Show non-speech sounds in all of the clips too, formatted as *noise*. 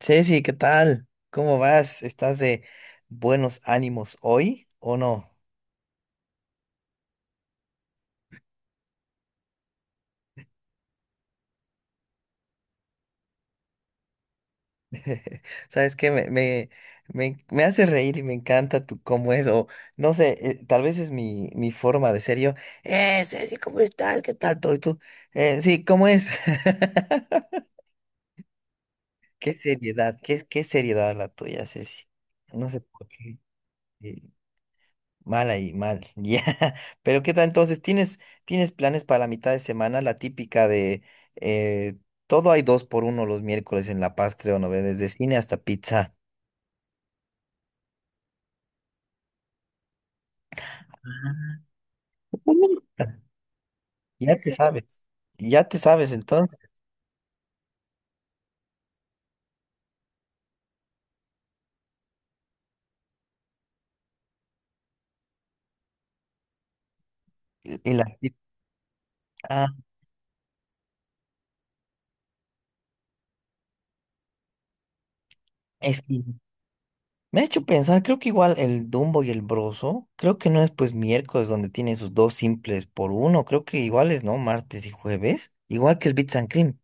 Ceci, ¿qué tal? ¿Cómo vas? ¿Estás de buenos ánimos hoy o no? *laughs* ¿Sabes que me hace reír y me encanta tu cómo es, o no sé, tal vez es mi forma de ser yo. Ceci, ¿cómo estás? ¿Qué tal todo? ¿Y tú? Sí, ¿cómo es? *laughs* Qué seriedad, qué seriedad la tuya, Ceci. No sé por qué. eh, Mal ahí, mal. *laughs* Ya. Pero ¿qué tal entonces? ¿Tienes planes para la mitad de semana? La típica de eh, todo hay dos por uno los miércoles en La Paz, creo, ¿no ve? Desde cine hasta pizza. Ah, *laughs* ya te sabes. Ya te sabes, entonces. Y la ah, es que me ha hecho pensar, creo que igual el Dumbo y el Broso, creo que no es pues miércoles donde tienen sus dos simples por uno, creo que iguales, ¿no? Martes y jueves, igual que el Bits and Cream.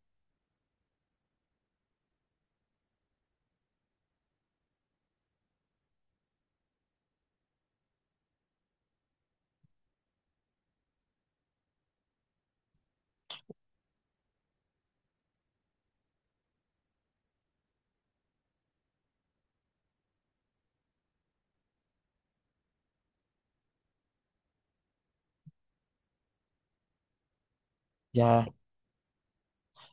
Ya.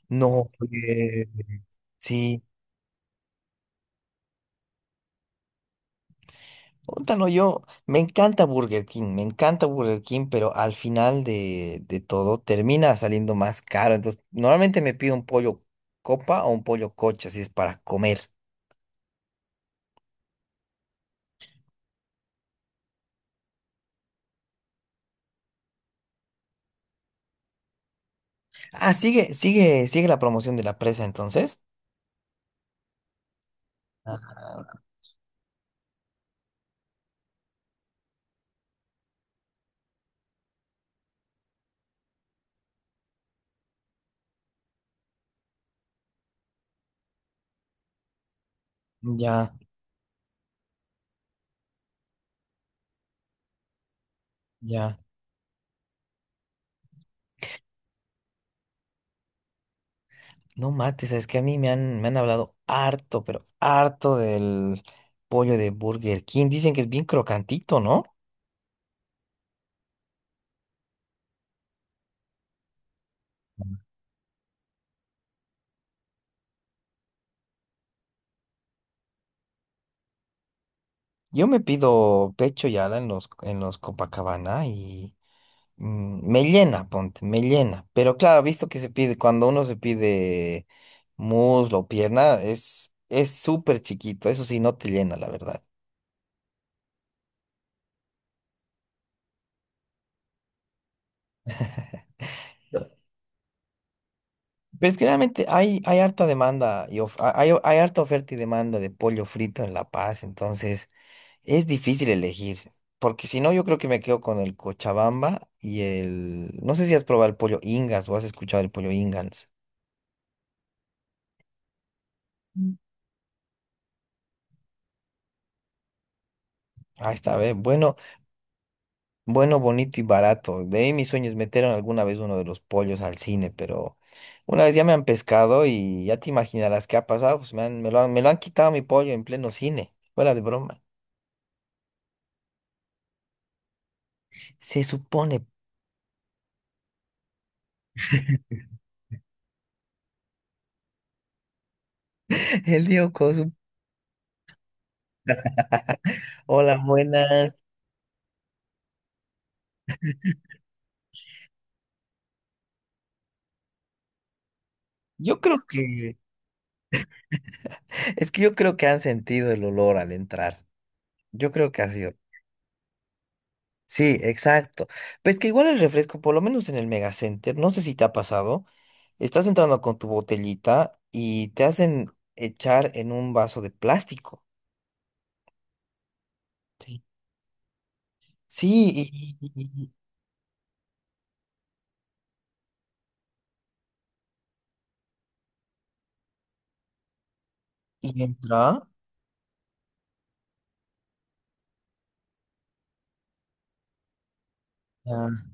No, eh, sí, ótalo yo. Me encanta Burger King, me encanta Burger King, pero al final de todo termina saliendo más caro. Entonces, normalmente me pido un pollo copa o un pollo coche, si es para comer. Ah, sigue, sigue, sigue la promoción de la presa entonces. Ah, ya, ya. No mates, es que a mí me han hablado harto, pero harto del pollo de Burger King. Dicen que es bien crocantito, ¿no? Yo me pido pecho y ala en en los Copacabana y me llena, ponte, me llena. Pero claro, visto que se pide, cuando uno se pide muslo o pierna, es súper chiquito, eso sí, no te llena, la verdad. Pero es que realmente hay harta demanda y hay, hay harta oferta y demanda de pollo frito en La Paz, entonces es difícil elegir, porque si no yo creo que me quedo con el Cochabamba y el... No sé si has probado el pollo Ingas o has escuchado el pollo Ingas. Ah, está bien. Bueno, bueno, bonito y barato. De ahí mis sueños metieron alguna vez uno de los pollos al cine, pero una vez ya me han pescado y ya te imaginarás qué ha pasado. Pues me lo han quitado mi pollo en pleno cine. Fuera de broma. Se supone. *laughs* El Diego Cosu. *laughs* Hola, buenas. Yo creo que, es que yo creo que han sentido el olor al entrar. Yo creo que ha sido. Sí, exacto. Pues que igual el refresco, por lo menos en el Megacenter, no sé si te ha pasado, estás entrando con tu botellita y te hacen echar en un vaso de plástico. Sí. Sí, y entra. Ah,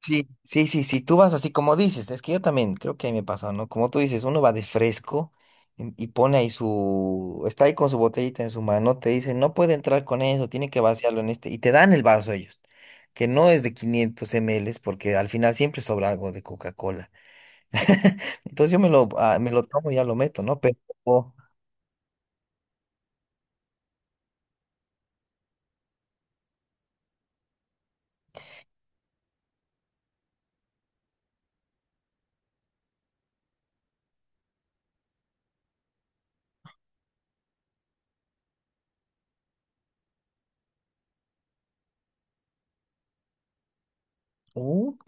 sí, sí, sí, sí, tú vas así como dices, es que yo también creo que ahí me pasa, ¿no? Como tú dices, uno va de fresco y pone ahí su, está ahí con su botellita en su mano, te dicen, no puede entrar con eso, tiene que vaciarlo en este, y te dan el vaso ellos, que no es de 500 ml, porque al final siempre sobra algo de Coca-Cola. *laughs* Entonces yo me lo, ah, me lo tomo y ya lo meto, ¿no? Pero, oh,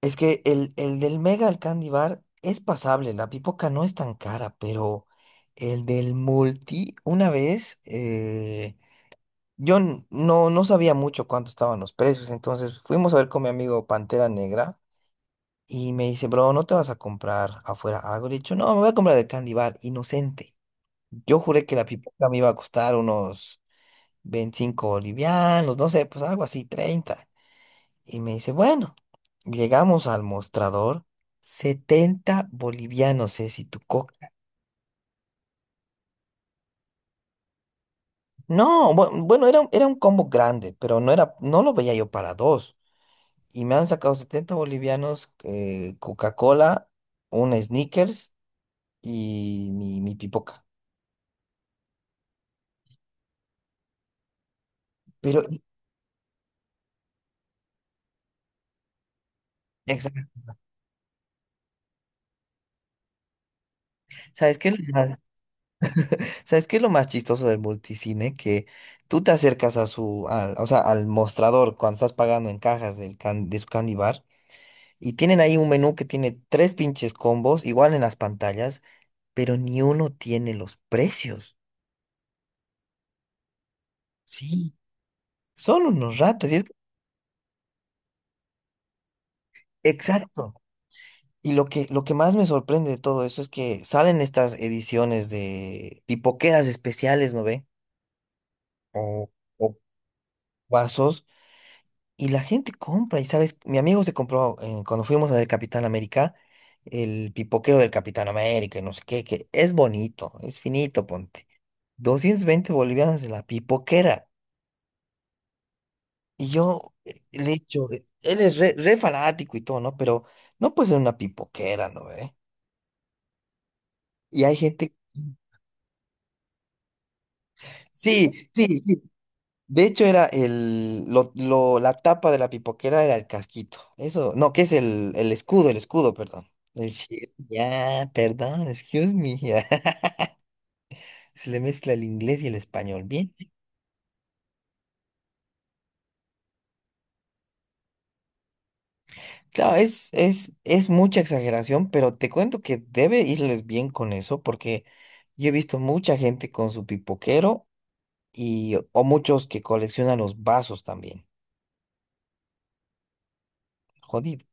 es que el del Mega, el Candy Bar, es pasable. La pipoca no es tan cara, pero el del Multi, una vez, yo no, no sabía mucho cuánto estaban los precios. Entonces fuimos a ver con mi amigo Pantera Negra y me dice, bro, ¿no te vas a comprar afuera algo? Le he dicho, no, me voy a comprar el Candy Bar, inocente. Yo juré que la pipoca me iba a costar unos 25 bolivianos, no sé, pues algo así, 30 y me dice, bueno, llegamos al mostrador, 70 bolivianos es y tu coca. No, bueno, era, era un combo grande, pero no era, no lo veía yo para dos. Y me han sacado 70 bolivianos, Coca-Cola, un Snickers y mi pipoca. Pero, y- exacto. ¿Sabes qué es lo más, ¿sabes qué es lo más chistoso del multicine? Que tú te acercas a su, al, o sea, al mostrador cuando estás pagando en cajas del de su candy bar. Y tienen ahí un menú que tiene tres pinches combos, igual en las pantallas, pero ni uno tiene los precios. Sí, son unos ratas. Y es... Exacto. Y lo que más me sorprende de todo eso es que salen estas ediciones de pipoqueras especiales, ¿no ve? O, o vasos, y la gente compra. Y sabes, mi amigo se compró, cuando fuimos a ver Capitán América, el pipoquero del Capitán América, y no sé qué, que es bonito, es finito, ponte. 220 bolivianos de la pipoquera. Y yo le he dicho, él es re fanático y todo, ¿no? Pero no puede ser una pipoquera, ¿no? ¿Eh? Y hay gente... Sí, sí, sí. De hecho, era el, la tapa de la pipoquera era el casquito. Eso, no, que es el escudo, perdón. El ya, perdón, excuse me. *laughs* Ya. Se le mezcla el inglés y el español. Bien. Claro, es mucha exageración, pero te cuento que debe irles bien con eso, porque yo he visto mucha gente con su pipoquero y, o muchos que coleccionan los vasos también. Jodido.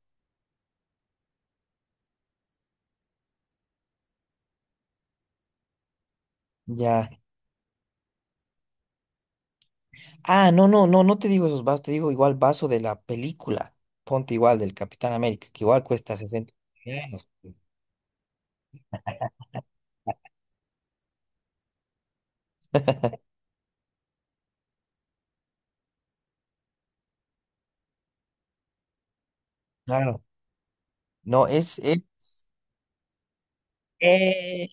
Ya. Ah, no, no, no, no te digo esos vasos, te digo igual vaso de la película. Ponte igual del Capitán América, que igual cuesta sesenta millones. Claro. No, es,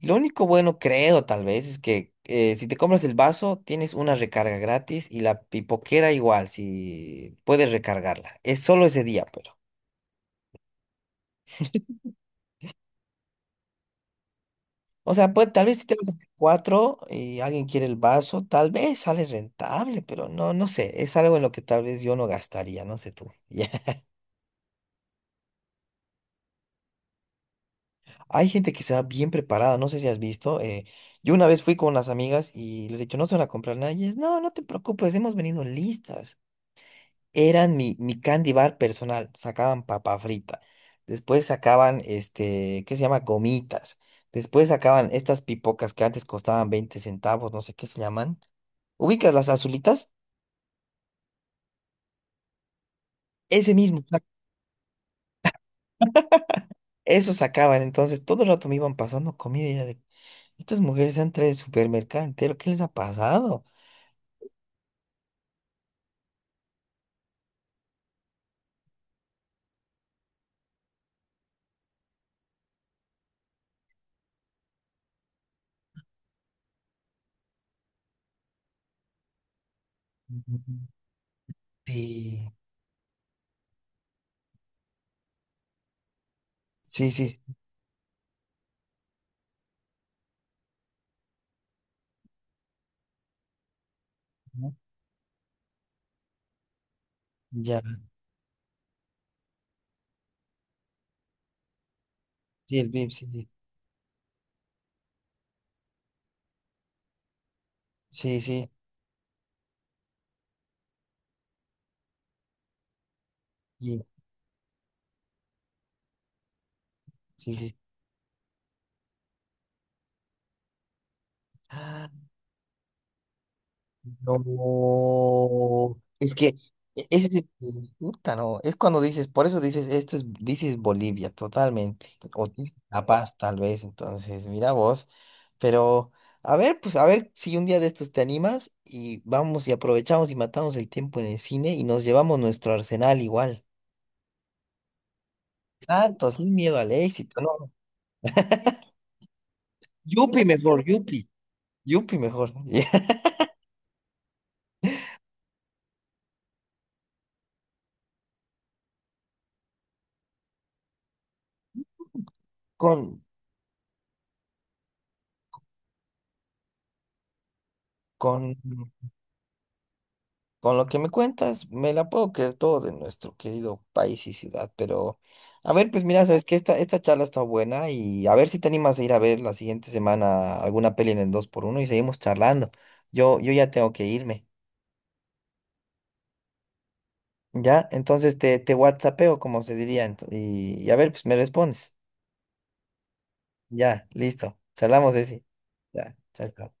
lo único bueno, creo, tal vez, es que si te compras el vaso, tienes una recarga gratis y la pipoquera igual, si puedes recargarla. Es solo ese día, pero. O sea, pues tal vez si te vas a cuatro y alguien quiere el vaso, tal vez sale rentable, pero no, no sé. Es algo en lo que tal vez yo no gastaría, no sé tú. *laughs* Ya. Hay gente que se va bien preparada, no sé si has visto. Yo una vez fui con unas amigas y les he dicho, no se van a comprar nada. Y ellas, no, no te preocupes, hemos venido listas. Eran mi candy bar personal. Sacaban papa frita. Después sacaban, este, ¿qué se llama? Gomitas. Después sacaban estas pipocas que antes costaban 20 centavos, no sé qué se llaman. ¿Ubicas las azulitas? Ese mismo, eso sacaban. Entonces, todo el rato me iban pasando comida y era de, estas mujeres han traído el supermercado entero, ¿qué les ha pasado? Ujú. Sí, sí, sí, sí, Ujú. Ya, sí, el VIP, sí, sí, sí, sí, sí, y- sí. Sí. No, es que ese es puta, no, es cuando dices, por eso dices, esto es, dices Bolivia, totalmente, o dices La Paz, tal vez, entonces, mira vos, pero, a ver, pues, a ver si un día de estos te animas y vamos y aprovechamos y matamos el tiempo en el cine y nos llevamos nuestro arsenal igual. Exacto, sin miedo al éxito, no, Yupi mejor, Yupi, Yupi mejor, *laughs* con, con con lo que me cuentas, me la puedo creer todo de nuestro querido país y ciudad, pero a ver, pues mira, sabes que esta charla está buena y a ver si te animas a ir a ver la siguiente semana alguna peli en el 2x1 y seguimos charlando. Yo ya tengo que irme, ¿ya? Entonces te WhatsAppeo, como se diría, y a ver, pues me respondes. Ya, listo. Charlamos, Ceci. Ya, chao, chao.